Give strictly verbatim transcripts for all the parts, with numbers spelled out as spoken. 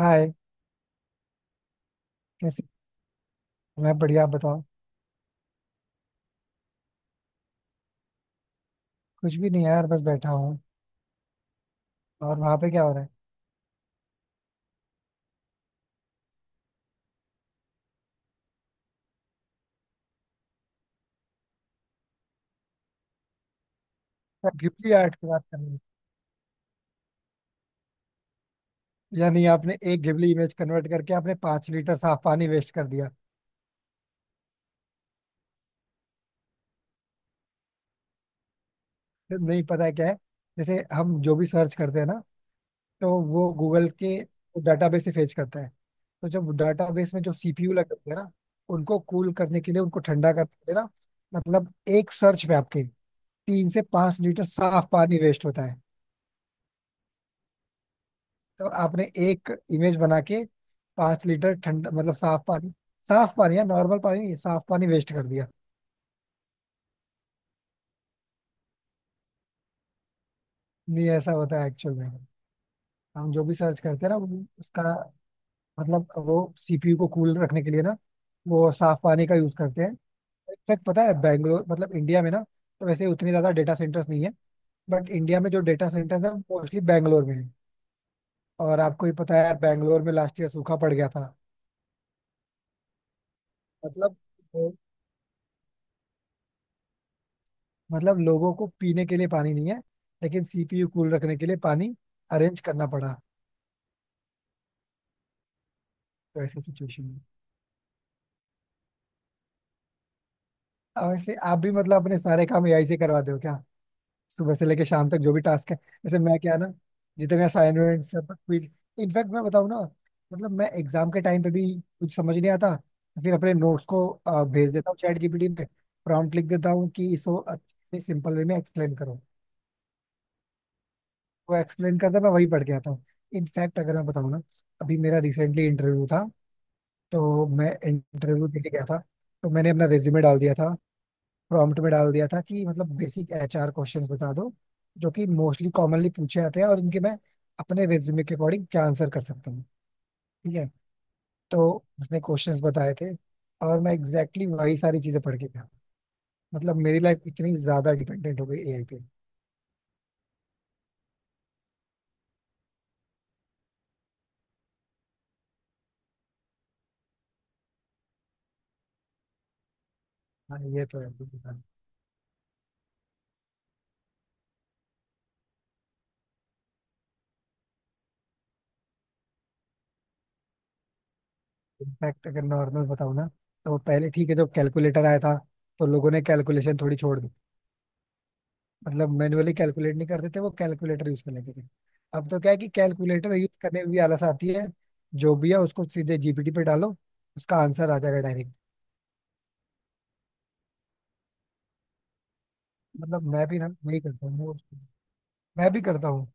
हाय। कैसे मैं बढ़िया, आप बताओ। कुछ भी नहीं यार, बस बैठा हूँ। और वहां पे क्या हो रहा है? यार, घिबली आर्ट की बात कर रहे हैं। या नहीं, आपने एक घिबली इमेज कन्वर्ट करके आपने पांच लीटर साफ पानी वेस्ट कर दिया। फिर नहीं पता है क्या है। जैसे हम जो भी सर्च करते हैं ना, तो वो गूगल के डाटाबेस से फेच करता है। तो जब डाटाबेस में जो सीपीयू लगे होते हैं ना, उनको कूल करने के लिए, उनको ठंडा करने के लिए ना, मतलब एक सर्च पे आपके तीन से पांच लीटर साफ पानी वेस्ट होता है। तो आपने एक इमेज बना के पांच लीटर ठंडा मतलब साफ पानी, साफ पानी या नॉर्मल पानी नहीं, साफ पानी वेस्ट कर दिया। नहीं ऐसा होता है एक्चुअल में। हम जो भी सर्च करते हैं ना, वो उसका मतलब वो सीपीयू को कूल रखने के लिए ना, वो साफ पानी का यूज करते हैं। इनफैक्ट पता है बैंगलोर मतलब इंडिया में ना, तो वैसे उतने ज्यादा डेटा सेंटर्स नहीं है। बट इंडिया में जो डेटा सेंटर्स है, मोस्टली बैंगलोर में है। और आपको ही पता है, बैंगलोर में लास्ट ईयर सूखा पड़ गया था। मतलब मतलब लोगों को पीने के लिए पानी नहीं है, लेकिन सीपीयू कूल रखने के लिए पानी अरेंज करना पड़ा। तो ऐसी सिचुएशन में, अब वैसे आप भी मतलब अपने सारे काम एआई से करवाते हो क्या? सुबह से लेके शाम तक जो भी टास्क है, जैसे मैं, क्या है ना, जितने असाइनमेंट, सब क्विज, इनफैक्ट मैं बताऊँ ना, मतलब मैं एग्जाम के टाइम पे भी कुछ समझ नहीं आता तो फिर अपने नोट्स को अ, भेज देता हूँ चैट जीपीटी में। प्रॉम्प्ट लिख देता हूँ कि इसको अच्छे सिंपल वे में एक्सप्लेन करो। वो एक्सप्लेन करता है, मैं वही पढ़ के आता हूँ। इनफैक्ट अगर मैं बताऊँ ना, अभी मेरा रिसेंटली इंटरव्यू था। तो मैं इंटरव्यू देने गया था, तो मैंने अपना रिज्यूमे डाल दिया था, प्रॉम्प्ट में डाल दिया था कि मतलब बेसिक एचआर क्वेश्चंस बता दो, जो कि मोस्टली कॉमनली पूछे जाते हैं, और इनके मैं अपने रिज्यूमे के अकॉर्डिंग क्या आंसर कर सकता हूँ। ठीक है, तो उसने क्वेश्चंस बताए थे और मैं एग्जैक्टली exactly वही सारी चीजें पढ़ के गया। मतलब मेरी लाइफ इतनी ज्यादा डिपेंडेंट हो गई एआई पे। हाँ ये तो है। इनफैक्ट अगर नॉर्मल बताऊँ ना, तो पहले ठीक है, जब कैलकुलेटर आया था तो लोगों ने कैलकुलेशन थोड़ी छोड़ दी। मतलब मैनुअली कैलकुलेट नहीं करते थे, वो कैलकुलेटर यूज कर लेते थे। अब तो क्या है कि कैलकुलेटर यूज करने में भी आलस आती है। जो भी है उसको सीधे जीपीटी पे डालो, उसका आंसर आ जाएगा डायरेक्ट। मतलब मैं भी ना वही करता हूँ वो- मैं भी करता हूँ।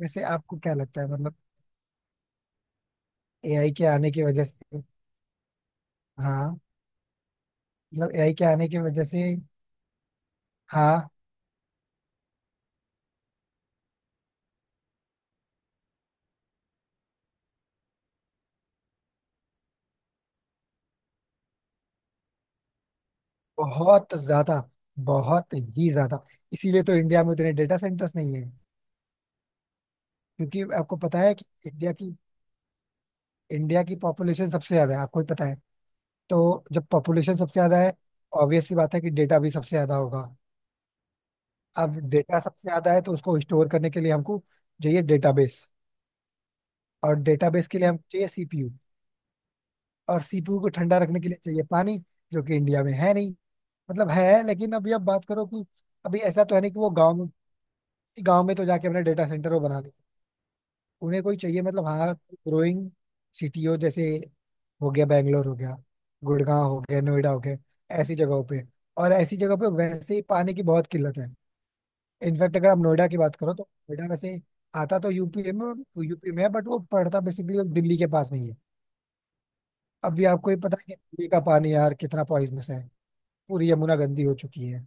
वैसे आपको क्या लगता है मतलब एआई के आने की वजह से, हाँ, मतलब एआई के आने की वजह से, हाँ। बहुत ज्यादा, बहुत ही ज्यादा। इसीलिए तो इंडिया में उतने डेटा सेंटर्स नहीं है। क्योंकि आपको पता है कि इंडिया की इंडिया की पॉपुलेशन सबसे ज्यादा है, आपको ही पता है। तो जब पॉपुलेशन सबसे ज्यादा है, ऑब्वियस सी बात है कि डेटा भी सबसे ज्यादा होगा। अब डेटा सबसे ज्यादा है तो उसको स्टोर करने के लिए हमको चाहिए डेटाबेस, और डेटाबेस के लिए हमको चाहिए सीपीयू, और सीपीयू को ठंडा रखने के लिए चाहिए पानी, जो कि इंडिया में है नहीं। मतलब है, लेकिन अभी आप बात करो कि अभी ऐसा तो है नहीं कि वो गाँव में, गाँव में तो जाके अपने डेटा सेंटर वो बना दें। उन्हें कोई चाहिए मतलब, हाँ, ग्रोइंग सिटी हो, जैसे हो गया बैंगलोर हो गया, गुड़गांव हो गया, नोएडा हो गया, ऐसी जगहों पे। और ऐसी जगह पे वैसे ही पानी की बहुत किल्लत है। इनफैक्ट अगर आप नोएडा की बात करो तो नोएडा वैसे आता तो यूपी में, यूपी में है, बट वो पड़ता बेसिकली दिल्ली के पास में ही है। अभी आपको ही पता है कि दिल्ली का पानी यार कितना पॉइजनस है, पूरी यमुना गंदी हो चुकी है।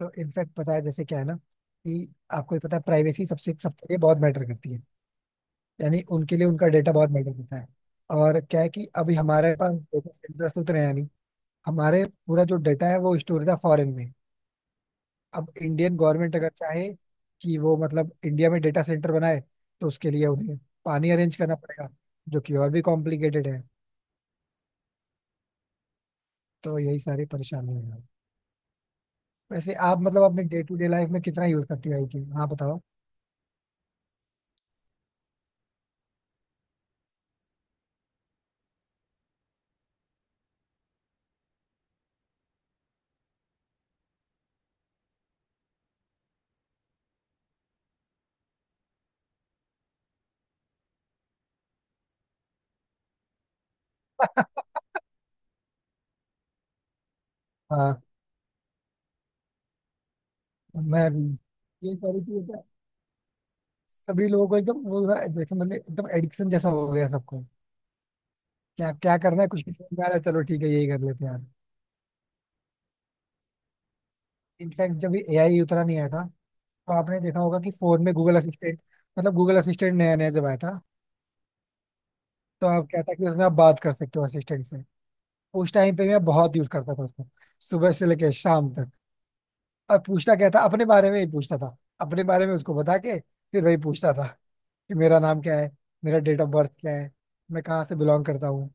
तो इनफैक्ट पता है, जैसे क्या है ना कि आपको ही पता है प्राइवेसी सबसे सबके लिए बहुत मैटर करती है, यानी उनके लिए उनका डेटा बहुत मैटर करता है। और क्या है कि अभी हमारे पास डेटा सेंटर्स तो उतरे हैं नहीं, हमारे पूरा जो डेटा है वो स्टोर था फॉरेन में। अब इंडियन गवर्नमेंट अगर चाहे कि वो मतलब इंडिया में डेटा सेंटर बनाए, तो उसके लिए उन्हें पानी अरेंज करना पड़ेगा, जो कि और भी कॉम्प्लिकेटेड है। तो यही सारी परेशानी है। वैसे आप मतलब अपने डे टू डे लाइफ में कितना यूज करती हो आई टी? हाँ बताओ। हाँ। मैं भी ये सारी चीजें क्या- सभी लोगों को एकदम वो ना, जैसे मतलब एकदम एडिक्शन जैसा हो गया सबको। क्या क्या करना है कुछ नहीं समझ में आ रहा है, चलो ठीक है यही कर लेते हैं यार। इनफैक्ट जब ये एआई उतना नहीं आया था, तो आपने देखा होगा कि फोन में गूगल असिस्टेंट, मतलब गूगल असिस्टेंट नया नया जब आया था, तो आप कहता कि उसमें आप बात कर सकते हो असिस्टेंट से। उस टाइम पे मैं बहुत यूज करता था उसको, सुबह से लेकर शाम तक। और पूछता क्या था, अपने बारे में ही पूछता था। अपने बारे में उसको बता के फिर वही पूछता था कि मेरा नाम क्या है, मेरा डेट ऑफ बर्थ क्या है, मैं कहाँ से बिलोंग करता हूँ।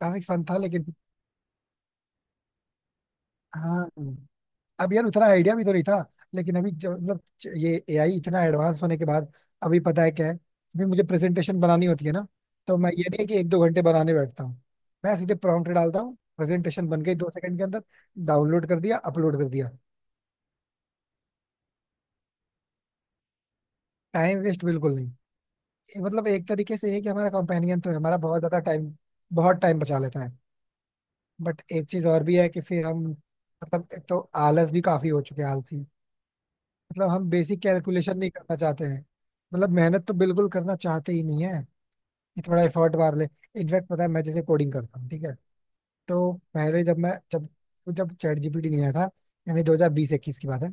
काफी फन था लेकिन। हाँ। अब यार उतना आइडिया भी तो नहीं था। लेकिन अभी जो मतलब च- ये एआई इतना एडवांस होने के बाद, अभी पता है क्या है, अभी मुझे प्रेजेंटेशन बनानी होती है ना, तो मैं ये नहीं है कि एक दो घंटे बनाने बैठता हूँ। मैं सीधे प्रॉम्प्ट डालता हूँ, प्रेजेंटेशन बन गई दो सेकंड के अंदर, डाउनलोड कर दिया, अपलोड कर दिया, टाइम वेस्ट बिल्कुल नहीं। ये मतलब एक तरीके से ये है कि हमारा कंपेनियन तो है, हमारा बहुत ज्यादा टाइम, बहुत टाइम बचा लेता है। बट एक चीज और भी है कि फिर हम, मतलब एक तो आलस भी काफी हो चुके हैं, आलसी। मतलब हम बेसिक कैलकुलेशन नहीं करना चाहते हैं, मतलब मेहनत तो बिल्कुल करना चाहते ही नहीं है कि थोड़ा एफर्ट मार ले। इनफैक्ट पता है, मैं जैसे कोडिंग करता हूँ ठीक है, तो पहले जब मैं जब जब चैट जीपीटी नहीं आया था, यानी दो हज़ार बीस इक्कीस की बात है,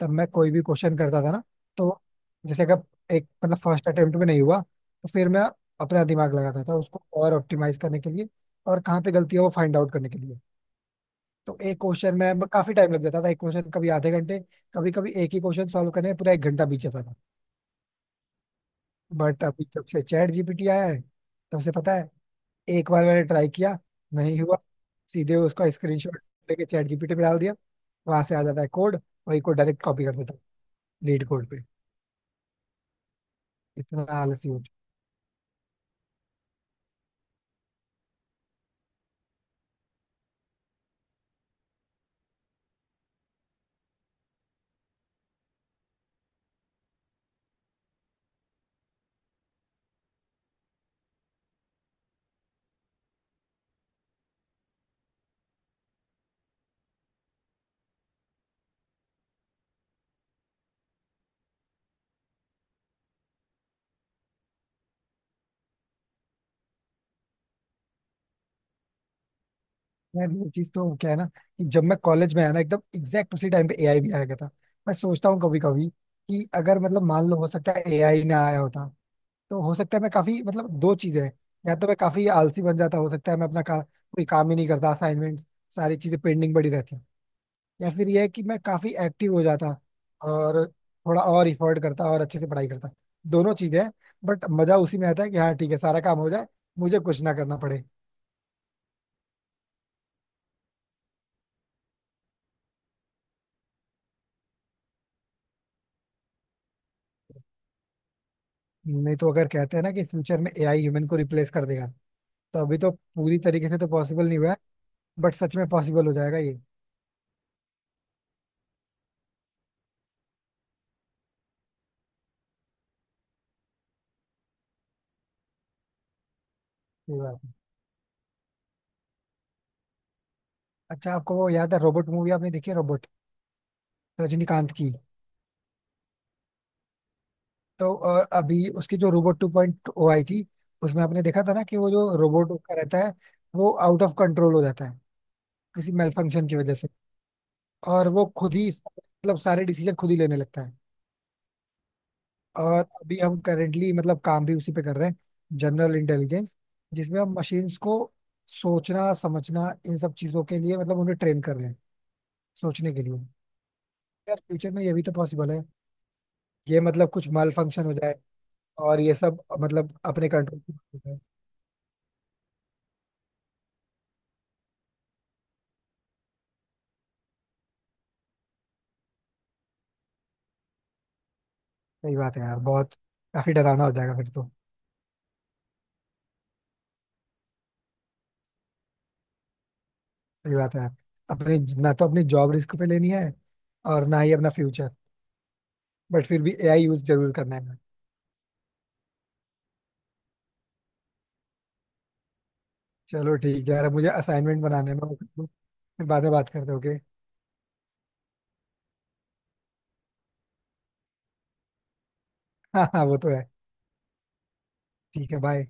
तब मैं कोई भी क्वेश्चन करता था ना, तो जैसे अगर एक मतलब फर्स्ट अटेम्प्ट में नहीं हुआ, तो फिर मैं अपना दिमाग लगाता था उसको और ऑप्टिमाइज करने के लिए, और कहाँ पे गलती है वो फाइंड आउट करने के लिए। तो एक क्वेश्चन में काफी टाइम लग जाता था, एक क्वेश्चन कभी आधे घंटे, कभी कभी एक ही क्वेश्चन सॉल्व करने में पूरा एक घंटा बीत जाता था। बट अभी जब से चैट जीपीटी आया है, तब से पता है, एक बार मैंने ट्राई किया, नहीं हुआ, सीधे उसका स्क्रीनशॉट लेके चैट जीपीटी पे डाल दिया, वहां से आ जाता है कोड, वही कोड डायरेक्ट कॉपी कर देता हूँ लीड कोड पे। इतना आलसी हो चुका है। ये चीज तो क्या है ना कि जब मैं कॉलेज में आया ना, एकदम एग्जैक्ट उसी टाइम पे एआई भी आया गया था। मैं सोचता हूँ कभी कभी कि अगर मतलब मान लो हो सकता है एआई ना आया होता, तो हो सकता है मैं काफी, मतलब दो चीजें हैं, या तो मैं काफी आलसी बन जाता, हो सकता है मैं अपना का, कोई काम ही नहीं करता, असाइनमेंट, सारी चीजें पेंडिंग पड़ी रहती। या फिर यह है कि मैं काफी एक्टिव हो जाता, और थोड़ा और इफर्ट करता, और अच्छे से पढ़ाई करता। दोनों चीजें हैं। बट मजा उसी में आता है कि हाँ ठीक है सारा काम हो जाए, मुझे कुछ ना करना पड़े। नहीं तो अगर कहते हैं ना कि फ्यूचर में एआई ह्यूमन को रिप्लेस कर देगा, तो अभी तो पूरी तरीके से तो पॉसिबल नहीं हुआ है, बट सच में पॉसिबल हो जाएगा ये। ये बात है। अच्छा आपको वो याद है, रोबोट मूवी आपने देखी है, रोबोट, रजनीकांत की। तो अ, अभी उसकी जो रोबोट टू पॉइंट ओ आई थी, उसमें आपने देखा था ना कि वो जो रोबोट उसका रहता है, वो आउट ऑफ कंट्रोल हो जाता है किसी मेल फंक्शन की वजह से, और वो खुद ही मतलब सारे डिसीजन खुद ही लेने लगता है। और अभी हम करेंटली मतलब काम भी उसी पे कर रहे हैं, जनरल इंटेलिजेंस, जिसमें हम मशीन्स को सोचना समझना इन सब चीजों के लिए, मतलब उन्हें ट्रेन कर रहे हैं सोचने के लिए। यार फ्यूचर में ये भी तो पॉसिबल है, ये मतलब कुछ माल फंक्शन हो जाए, और ये सब मतलब अपने कंट्रोल। सही बात है यार, बहुत काफी डरावना हो जाएगा फिर तो। सही बात है यार, अपने ना तो अपनी जॉब रिस्क पे लेनी है और ना ही अपना फ्यूचर। बट फिर भी एआई यूज जरूर करना है। चलो ठीक है यार, अब मुझे असाइनमेंट बनाने में वो- फिर बाद में बात करते, ओके। हाँ हाँ वो तो है। ठीक है, बाय।